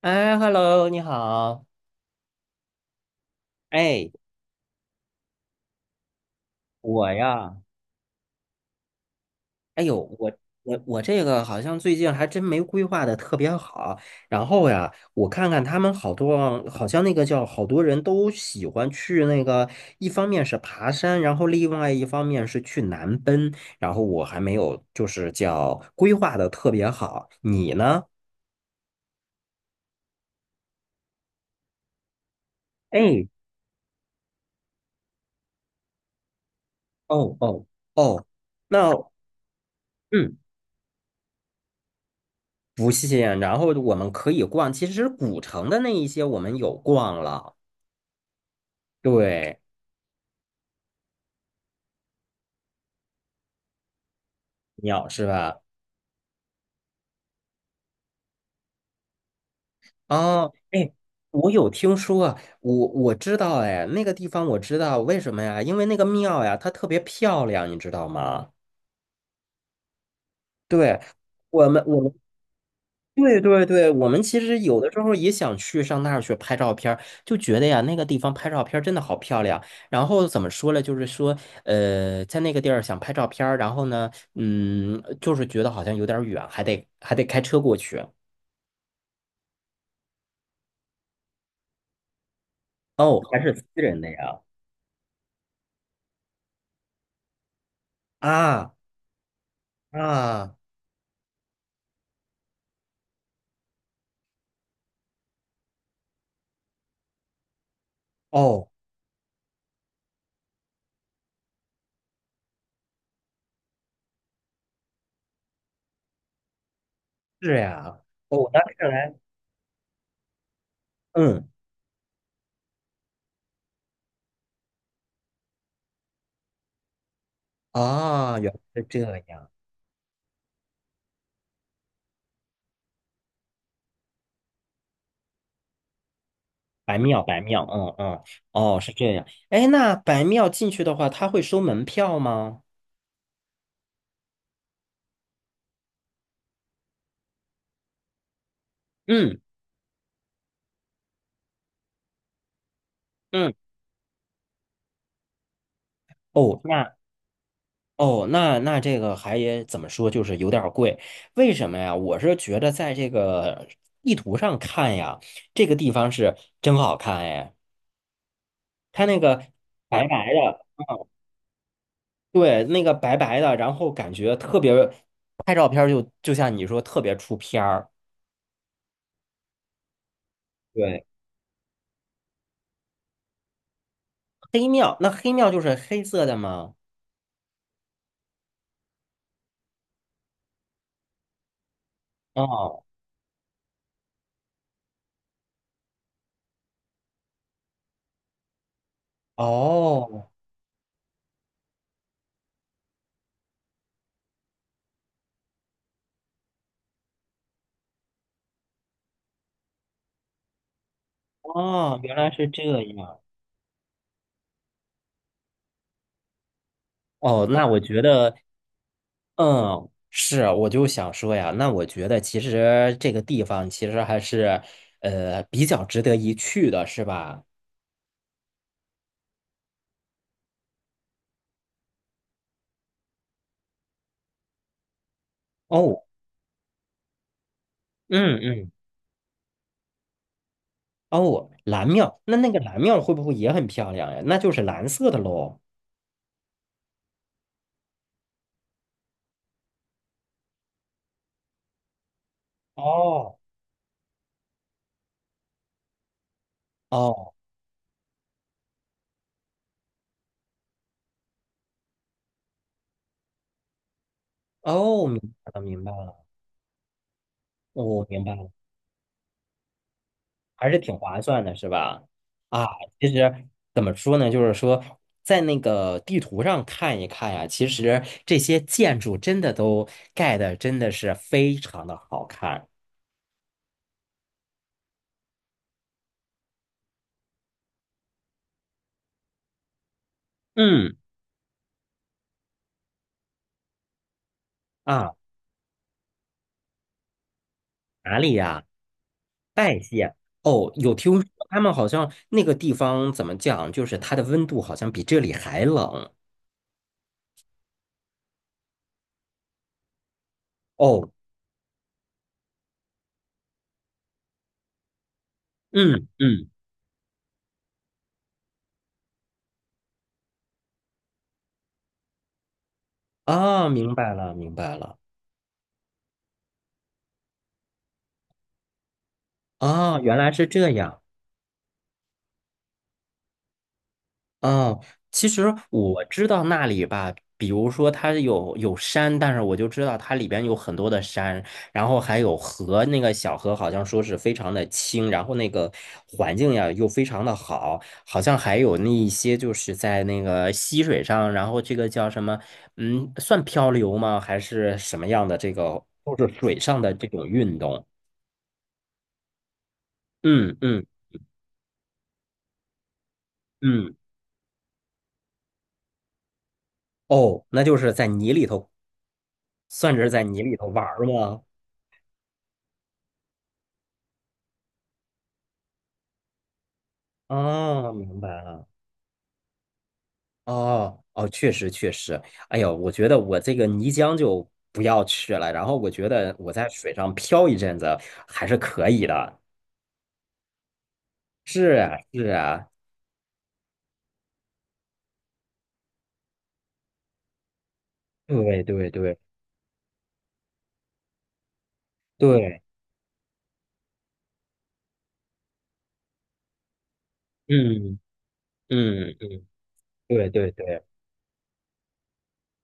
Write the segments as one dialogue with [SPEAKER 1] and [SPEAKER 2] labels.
[SPEAKER 1] 哎，hello，你好。哎，我呀，哎呦，我这个好像最近还真没规划的特别好。然后呀，我看看他们好多，好像那个叫好多人都喜欢去那个，一方面是爬山，然后另外一方面是去南奔。然后我还没有就是叫规划的特别好，你呢？哎，哦哦哦，那嗯。不信，然后我们可以逛，其实古城的那一些我们有逛了，对，鸟是吧？哦，哎，我有听说啊我知道，哎，那个地方我知道，为什么呀？因为那个庙呀，它特别漂亮，你知道吗？对，我们对对对，我们其实有的时候也想去上那儿去拍照片儿，就觉得呀，那个地方拍照片儿真的好漂亮。然后怎么说呢？就是说，在那个地儿想拍照片儿，然后呢，就是觉得好像有点儿远，还得开车过去。哦，还是私人的呀？啊啊，哦，是呀，哦，那看来，嗯，啊，原来是这样，白庙，白庙，嗯嗯，哦，是这样。哎，那白庙进去的话，他会收门票吗？嗯嗯，哦，那哦，那这个还也怎么说，就是有点儿贵。为什么呀？我是觉得在这个地图上看呀，这个地方是真好看哎，它那个白白的，嗯，对，那个白白的，然后感觉特别，拍照片儿就像你说特别出片儿。对，黑庙，那黑庙就是黑色的吗？哦哦哦，原来是这样。哦，那我觉得。嗯，是，我就想说呀，那我觉得其实这个地方其实还是，比较值得一去的，是吧？哦，嗯嗯，哦，蓝庙，那个蓝庙会不会也很漂亮呀？那就是蓝色的喽。哦哦哦，明白了，明白了，明白了。还是挺划算的，是吧？啊，其实怎么说呢，就是说在那个地图上看一看呀，其实这些建筑真的都盖的真的是非常的好看。嗯啊，拜县哦，有听说他们好像那个地方怎么讲，就是它的温度好像比这里还冷哦。嗯嗯，啊，明白了明白了，啊，原来是这样。嗯，其实我知道那里吧，比如说它有山，但是我就知道它里边有很多的山，然后还有河，那个小河好像说是非常的清，然后那个环境呀又非常的好，好像还有那一些就是在那个溪水上，然后这个叫什么，算漂流吗？还是什么样的这个，就是水上的这种运动？嗯嗯嗯，哦，那就是在泥里头，算是在泥里头玩儿吗？哦，明白了。哦哦，确实确实。哎呦，我觉得我这个泥浆就不要去了。然后我觉得我在水上漂一阵子还是可以的。是啊是啊，对对对对，嗯嗯嗯嗯，对对对。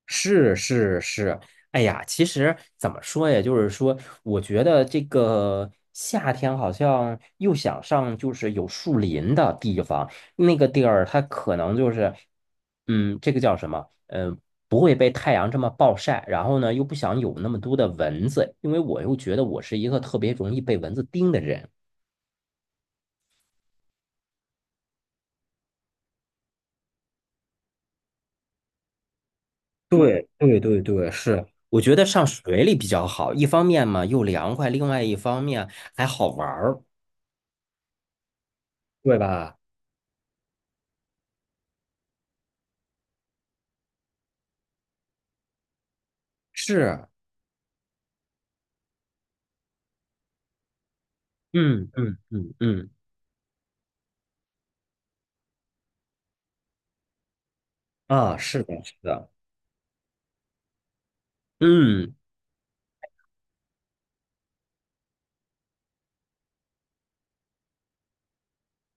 [SPEAKER 1] 是是是，哎呀，其实怎么说呀？就是说，我觉得这个夏天好像又想上就是有树林的地方，那个地儿它可能就是，这个叫什么？嗯、不会被太阳这么暴晒，然后呢又不想有那么多的蚊子，因为我又觉得我是一个特别容易被蚊子叮的人。对对对对，是，我觉得上水里比较好，一方面嘛又凉快，另外一方面还好玩儿，对吧？是嗯嗯嗯嗯啊，是的，是的。嗯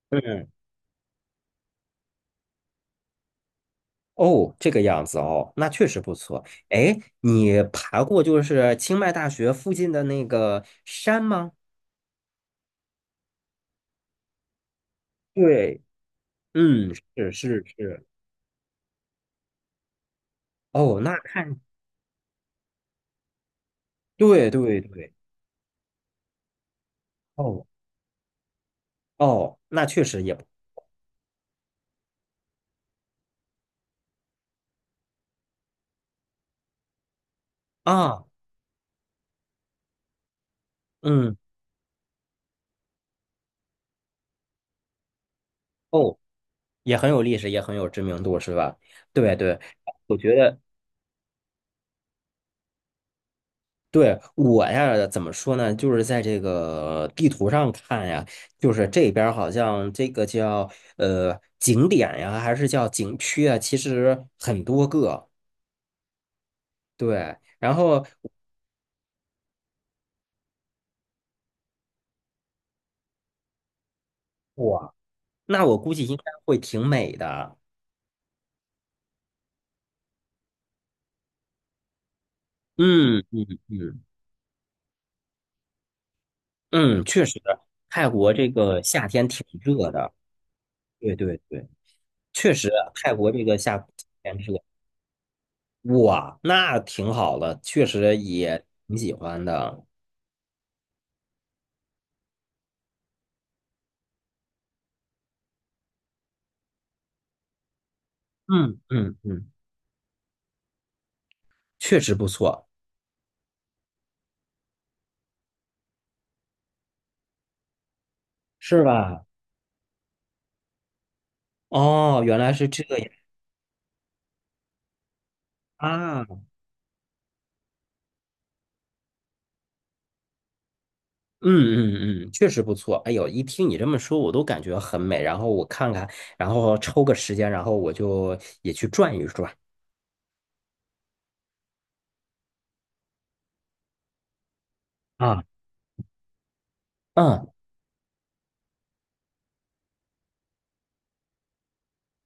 [SPEAKER 1] 嗯，哦，这个样子哦，那确实不错。哎，你爬过就是清迈大学附近的那个山吗？对，嗯，是是是。哦，那看，对对对。哦哦，那确实也不啊，嗯，哦，也很有历史，也很有知名度，是吧？对对，我觉得。对，我呀，怎么说呢？就是在这个地图上看呀，就是这边儿好像这个叫景点呀，还是叫景区啊，其实很多个。对，然后哇，那我估计应该会挺美的。嗯嗯嗯嗯，确实，泰国这个夏天挺热的。对对对，确实，泰国这个夏天热，哇，那挺好的，确实也挺喜欢的。嗯嗯嗯。确实不错。是吧？哦，原来是这样啊！嗯嗯嗯，确实不错。哎呦，一听你这么说，我都感觉很美。然后我看看，然后抽个时间，然后我就也去转一转。啊，嗯，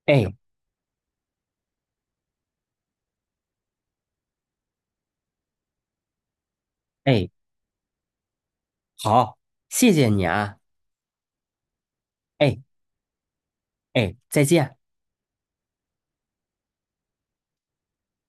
[SPEAKER 1] 哎哎，好，谢谢你啊。哎哎，再见。